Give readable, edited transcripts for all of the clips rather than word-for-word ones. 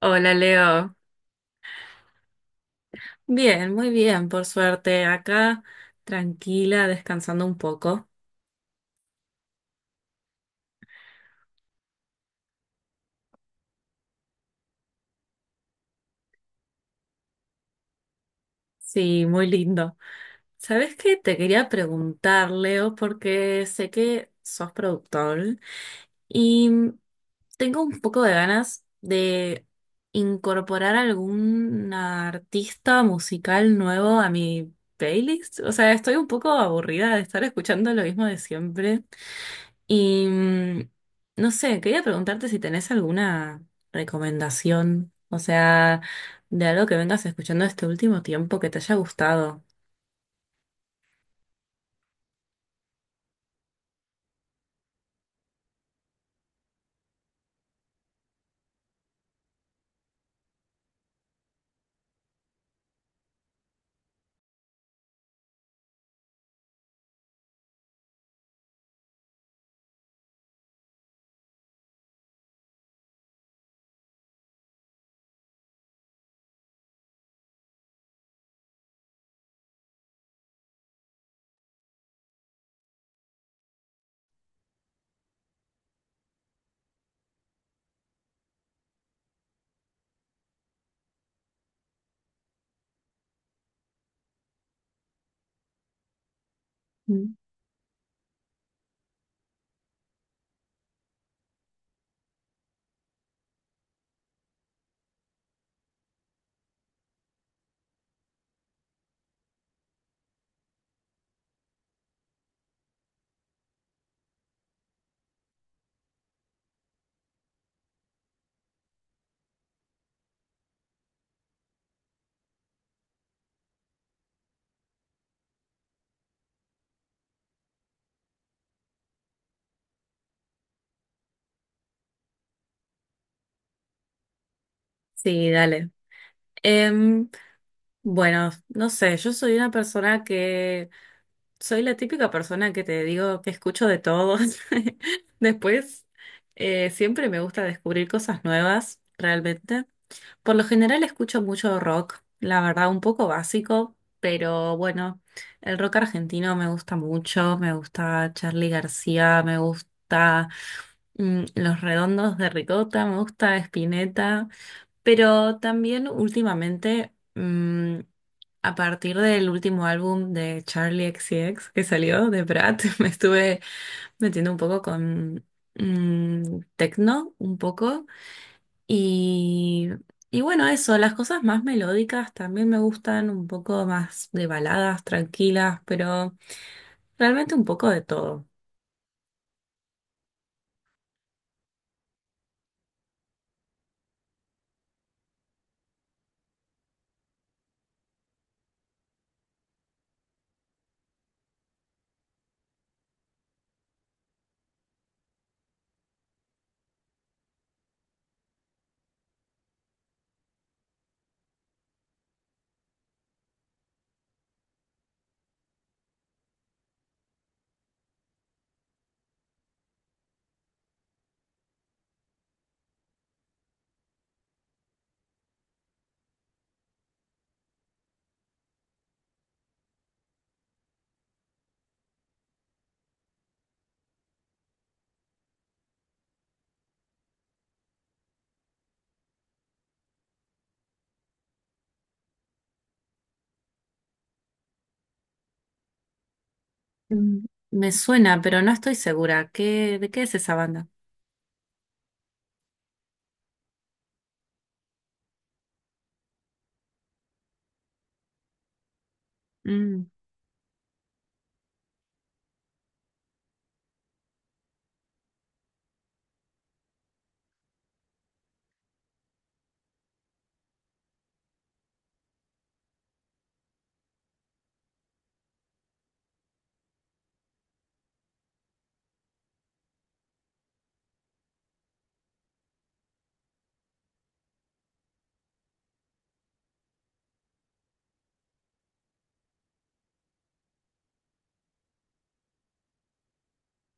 Hola Leo. Bien, muy bien, por suerte. Acá tranquila, descansando un poco. Sí, muy lindo. ¿Sabes qué? Te quería preguntar, Leo, porque sé que sos productor y tengo un poco de ganas de incorporar algún artista musical nuevo a mi playlist. O sea, estoy un poco aburrida de estar escuchando lo mismo de siempre. Y no sé, quería preguntarte si tenés alguna recomendación, o sea, de algo que vengas escuchando este último tiempo que te haya gustado. Mm. Sí, dale. Em, bueno, no sé, yo soy una persona soy la típica persona que te digo que escucho de todos. Después, siempre me gusta descubrir cosas nuevas, realmente. Por lo general escucho mucho rock, la verdad, un poco básico, pero bueno, el rock argentino me gusta mucho, me gusta Charly García, me gusta Los Redondos de Ricota, me gusta Spinetta, pero también últimamente, a partir del último álbum de Charlie XCX que salió, de Brat, me estuve metiendo un poco con techno, un poco. Y, y bueno, eso, las cosas más melódicas también me gustan, un poco más de baladas, tranquilas, pero realmente un poco de todo. Mm, me suena, pero no estoy segura. ¿Qué, de qué es esa banda? Mm,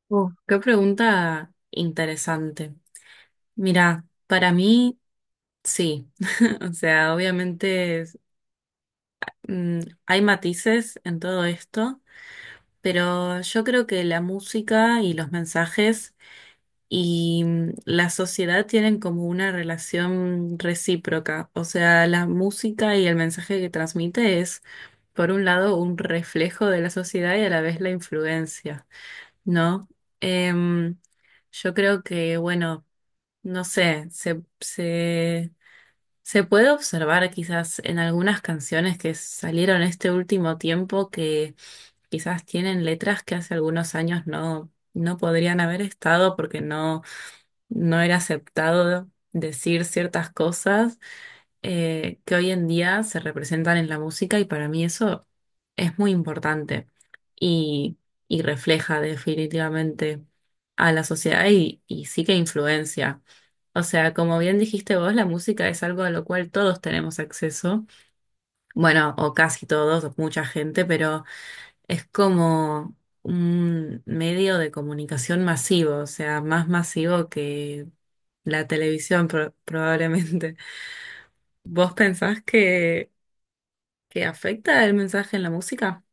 ¡Qué pregunta interesante! Mira, para mí, sí. O sea, obviamente mm, hay matices en todo esto, pero yo creo que la música y los mensajes y la sociedad tienen como una relación recíproca. O sea, la música y el mensaje que transmite es, por un lado, un reflejo de la sociedad y a la vez la influencia, ¿no? Em, yo creo que, bueno, no sé, se puede observar quizás en algunas canciones que salieron este último tiempo que quizás tienen letras que hace algunos años no podrían haber estado porque no era aceptado decir ciertas cosas que hoy en día se representan en la música y para mí eso es muy importante y, y refleja definitivamente a la sociedad y sí que influencia. O sea, como bien dijiste vos, la música es algo a lo cual todos tenemos acceso, bueno, o casi todos, o mucha gente, pero... Es como un medio de comunicación masivo, o sea, más masivo que la probablemente. ¿Vos que afecta el mensaje en la música?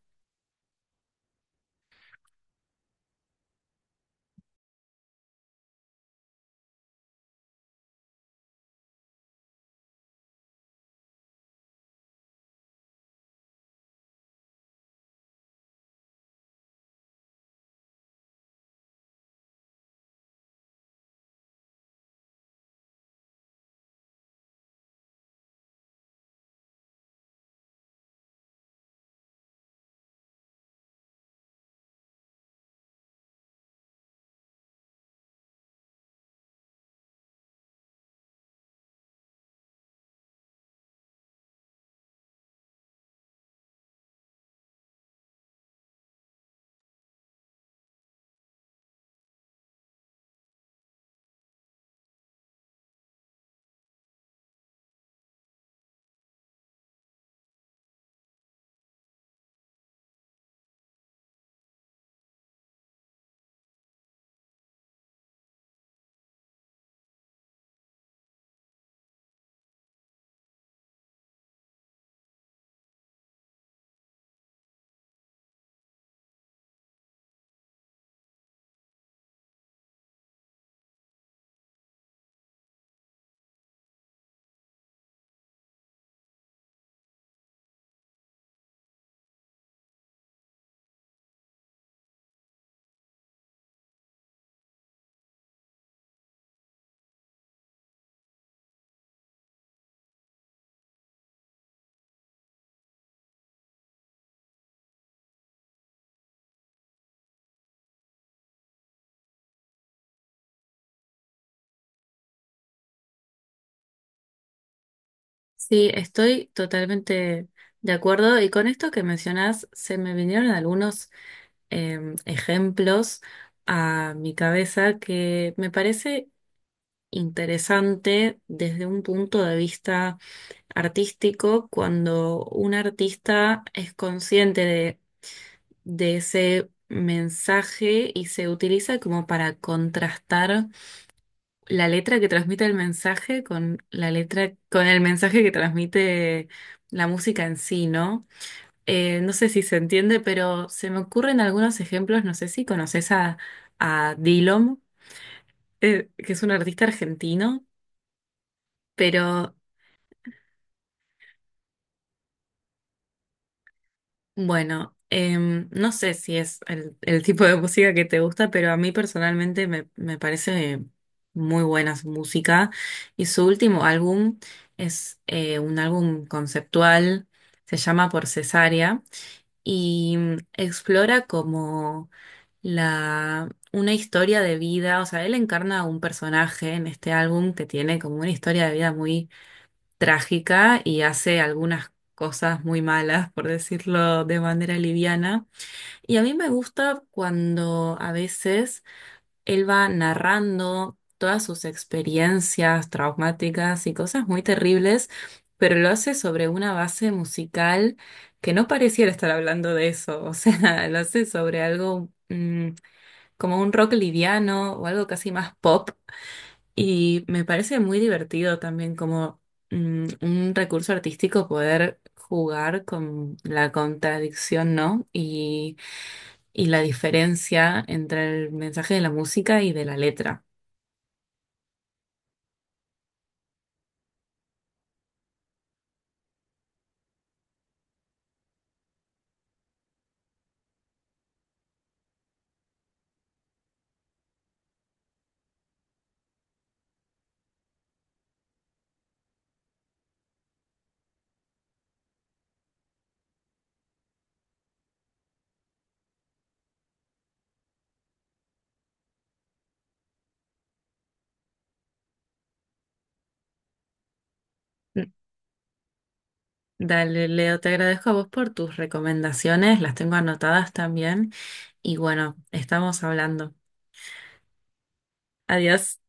Sí, estoy totalmente de acuerdo y con esto que mencionás se me vinieron algunos ejemplos a mi cabeza que me parece interesante desde un punto de vista artístico cuando un artista es consciente de ese mensaje y se utiliza como para contrastar la letra que transmite el mensaje con la letra, con el mensaje que transmite la música en sí, ¿no? No sé si se entiende, pero se me ocurren algunos ejemplos, no sé si conoces a Dilom, que es un artista argentino, pero bueno, no sé si es el tipo de música que te gusta, pero a mí personalmente me parece muy buena su música. Y su último álbum es un álbum conceptual, se llama Por Cesárea, y explora como una historia de vida, o sea, él encarna a un personaje en este álbum que tiene como una historia de vida trágica y hace algunas cosas muy malas, por decirlo de manera liviana. Y a mí me gusta cuando a veces él va narrando todas sus experiencias traumáticas y cosas muy terribles, pero lo hace sobre una base musical que no pareciera estar hablando de eso, o sea, lo hace sobre algo como un rock liviano o algo casi más pop y me parece muy divertido también como un recurso artístico poder jugar con la contradicción, ¿no? Y la diferencia entre el mensaje de la música y de la letra. Mm, dale, Leo, te agradezco a vos por tus recomendaciones, las tengo anotadas también. Y bueno, estamos hablando. Adiós.